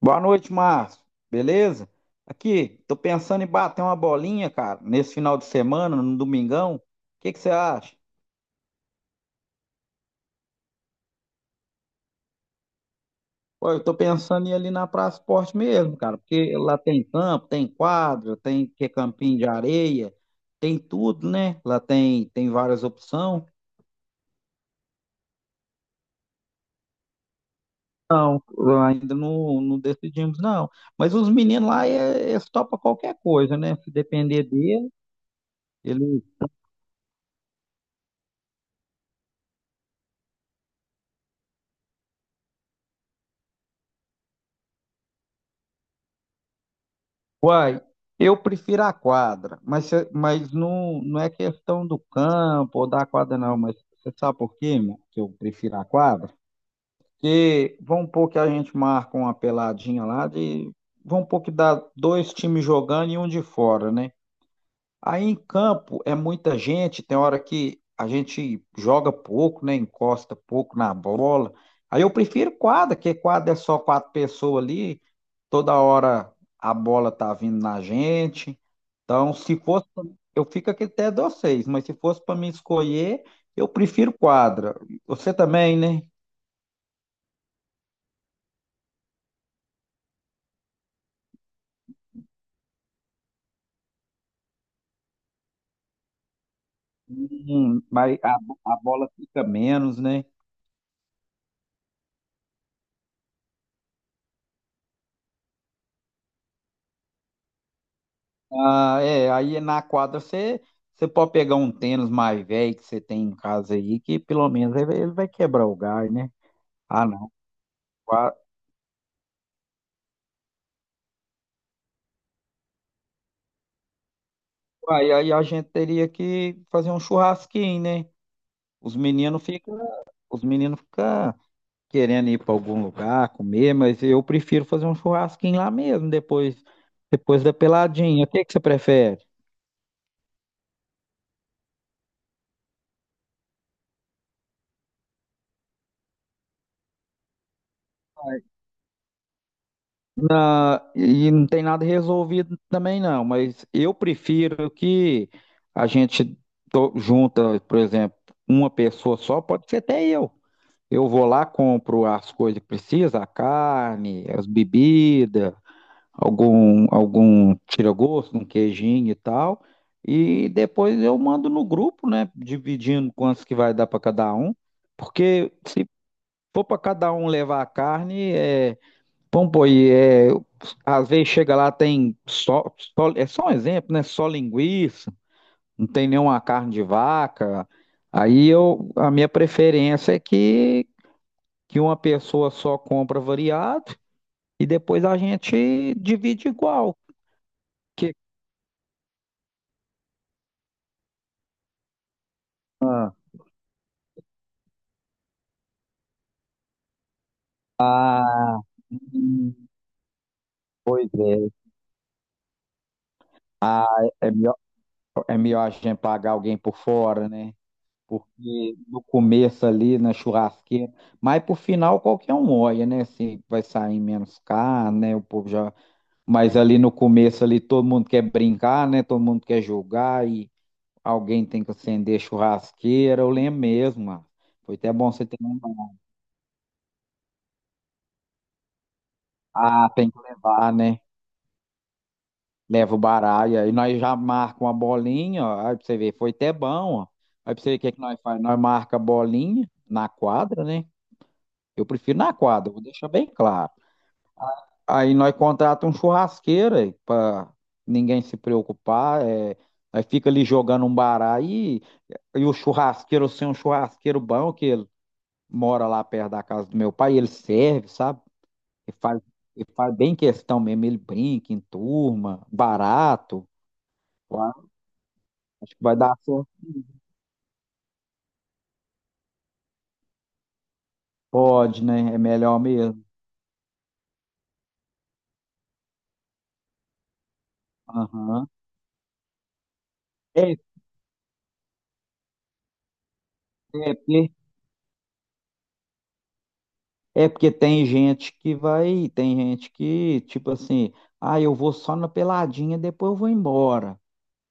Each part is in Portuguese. Boa noite, Márcio. Beleza? Aqui, tô pensando em bater uma bolinha, cara, nesse final de semana, no domingão. O que que você acha? Pô, eu tô pensando em ir ali na Praça Esporte mesmo, cara, porque lá tem campo, tem quadra, tem que é campinho de areia, tem tudo, né? Lá tem várias opções. Lá ainda não, não decidimos, não. Mas os meninos lá, eles topam qualquer coisa, né? Se depender dele, eles... Uai, eu prefiro a quadra, mas, mas não, não é questão do campo ou da quadra, não. Mas você sabe por quê, meu, que eu prefiro a quadra? Porque vamos supor que a gente marca uma peladinha lá de... Vamos supor que dá dois times jogando e um de fora, né? Aí em campo é muita gente, tem hora que a gente joga pouco, né? Encosta pouco na bola. Aí eu prefiro quadra, porque quadra é só quatro pessoas ali, toda hora a bola tá vindo na gente. Então, se fosse, eu fico aqui até de vocês, mas se fosse para me escolher, eu prefiro quadra. Você também, né? Mas a bola fica menos, né? Ah, é, aí na quadra você, você pode pegar um tênis mais velho que você tem em casa aí, que pelo menos ele vai quebrar o gás, né? Ah, não. qua- Aí, aí a gente teria que fazer um churrasquinho, né? Os meninos ficam, os meninos ficam querendo ir para algum lugar comer, mas eu prefiro fazer um churrasquinho lá mesmo, depois, depois da peladinha. O que que você prefere? Na, e não tem nada resolvido também não, mas eu prefiro que a gente junta, por exemplo, uma pessoa só, pode ser até eu. Eu vou lá, compro as coisas que precisa, a carne, as bebidas, algum tira-gosto, um queijinho e tal, e depois eu mando no grupo, né, dividindo quantos que vai dar para cada um, porque se for para cada um levar a carne, é... Bom, pô, às vezes chega lá, tem só, é só um exemplo, né? Só linguiça, não tem nenhuma carne de vaca. Aí eu, a minha preferência é que uma pessoa só compra variado e depois a gente divide igual. Que, pois é, é melhor, é melhor a gente pagar alguém por fora, né? Porque no começo ali, na churrasqueira, mas pro final qualquer um olha, né? Se vai sair menos carne, né? O povo já... Mas ali no começo ali todo mundo quer brincar, né? Todo mundo quer jogar e alguém tem que acender churrasqueira. Eu lembro mesmo, mano. Foi até bom você ter lembrado. Ah, tem que levar, né? Leva o baralho. Aí nós já marcamos uma bolinha, ó. Aí pra você ver, foi até bom, ó. Aí pra você ver o que é que nós faz. Nós marca a bolinha na quadra, né? Eu prefiro na quadra, vou deixar bem claro. Aí nós contratamos um churrasqueiro aí, pra ninguém se preocupar. É... Nós fica ali jogando um baralho e... E o churrasqueiro, assim, um churrasqueiro bom, que ele mora lá perto da casa do meu pai, ele serve, sabe? Ele faz, ele faz bem questão mesmo, ele brinca em turma, barato. Eu... Acho que vai dar certo. Pode, né? É melhor mesmo. Aham. É, é, é porque tem gente que vai, tem gente que, tipo assim, ah, eu vou só na peladinha, depois eu vou embora.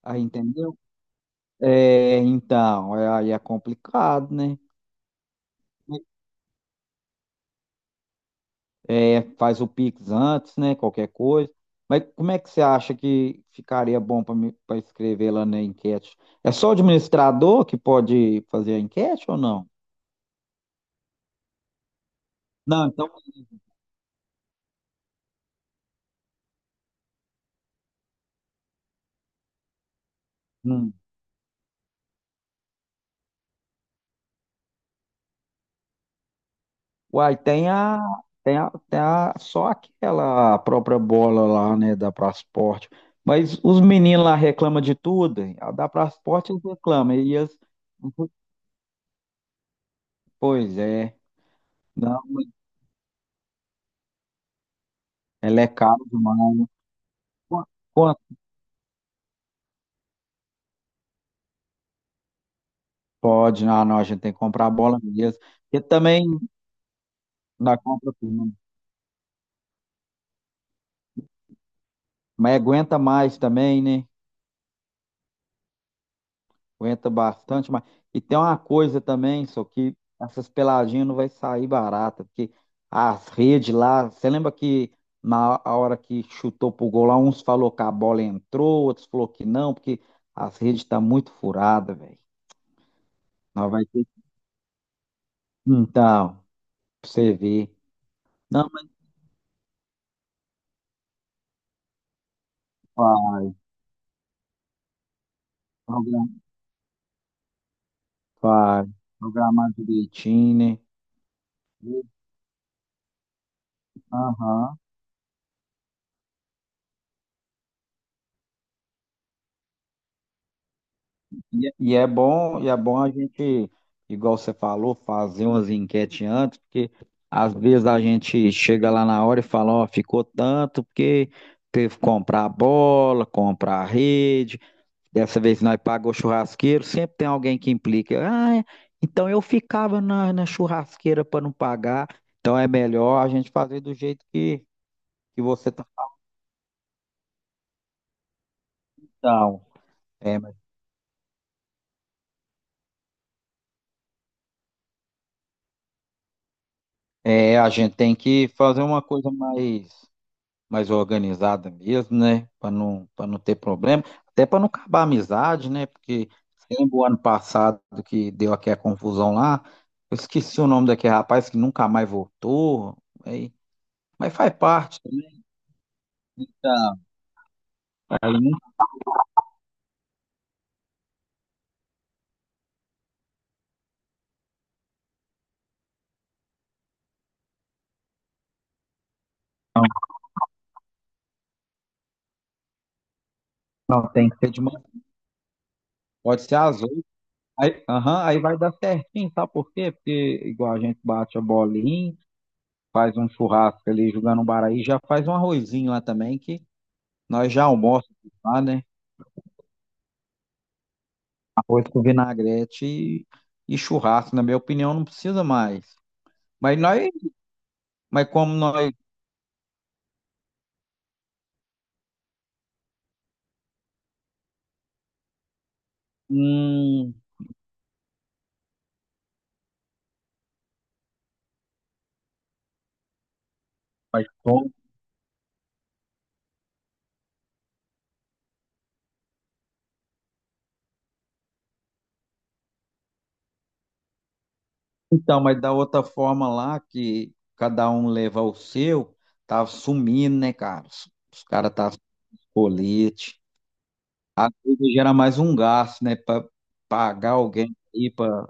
Aí, entendeu? É, então, aí é complicado, né? É, faz o Pix antes, né? Qualquer coisa. Mas como é que você acha que ficaria bom para escrever lá na enquete? É só o administrador que pode fazer a enquete ou não? Não, então. Hum. Uai, tem a, só aquela própria bola lá, né, da Prasport. Mas os meninos lá reclamam de tudo, hein? A da Prasport eles reclamam. E eles, pois é. Não, ela é cara demais. Com... Pode, não, não, a gente tem que comprar a bola mesmo. Porque também na compra, tudo, né? Mas aguenta mais também, né? Aguenta bastante mais. E tem uma coisa também, só que essas peladinhas não vai sair barata, porque as redes lá, você lembra que na a hora que chutou pro gol lá, uns falou que a bola entrou, outros falou que não, porque as redes tá muito furada, velho. Nós vai ter. Então, pra você ver. Não, mas faz, progra- faz, programar direitinho, né? Aham. E é bom a gente, igual você falou, fazer umas enquetes antes, porque às vezes a gente chega lá na hora e fala, ó, ficou tanto, porque teve que comprar a bola, comprar a rede, dessa vez nós pagou churrasqueiro, sempre tem alguém que implica, ah, então eu ficava na churrasqueira para não pagar, então é melhor a gente fazer do jeito que você tá. Então, é, é, a gente tem que fazer uma coisa mais... mais organizada mesmo, né? Para não ter problema, até para não acabar a amizade, né? Porque lembro o ano passado que deu aquela confusão lá, eu esqueci o nome daquele rapaz que nunca mais voltou, aí, mas faz parte, né? da- Aí não, não tem que ser de uma, pode ser azul, aí, aham, aí vai dar certinho, sabe por quê? Porque igual a gente bate a bolinha, faz um churrasco ali jogando um baraí, já faz um arrozinho lá também que nós já almoçamos lá, né? Arroz com vinagrete e churrasco, na minha opinião, não precisa mais. Mas nós, mas como nós, hum, mas como- então, mas da outra forma lá que cada um leva o seu, tá sumindo, né, cara? Os caras tá colete. Às vezes gera mais um gasto, né, para pagar alguém aí para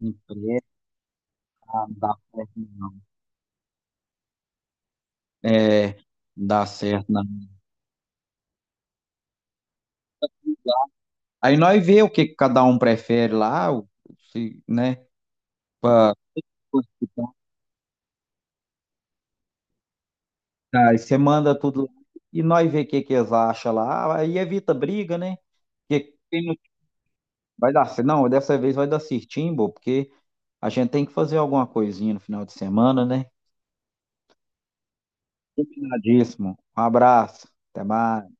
empresa, ah, não dá certo não. É, não dá certo não. Aí nós vê o que que cada um prefere lá, se, né? Pro hospital. Aí você manda tudo lá e nós vê o que que eles acham lá. Ah, aí evita briga, né? Porque quem não- vai dar, não, dessa vez vai dar certinho, bo, porque a gente tem que fazer alguma coisinha no final de semana, né? Combinadíssimo. Um abraço. Até mais.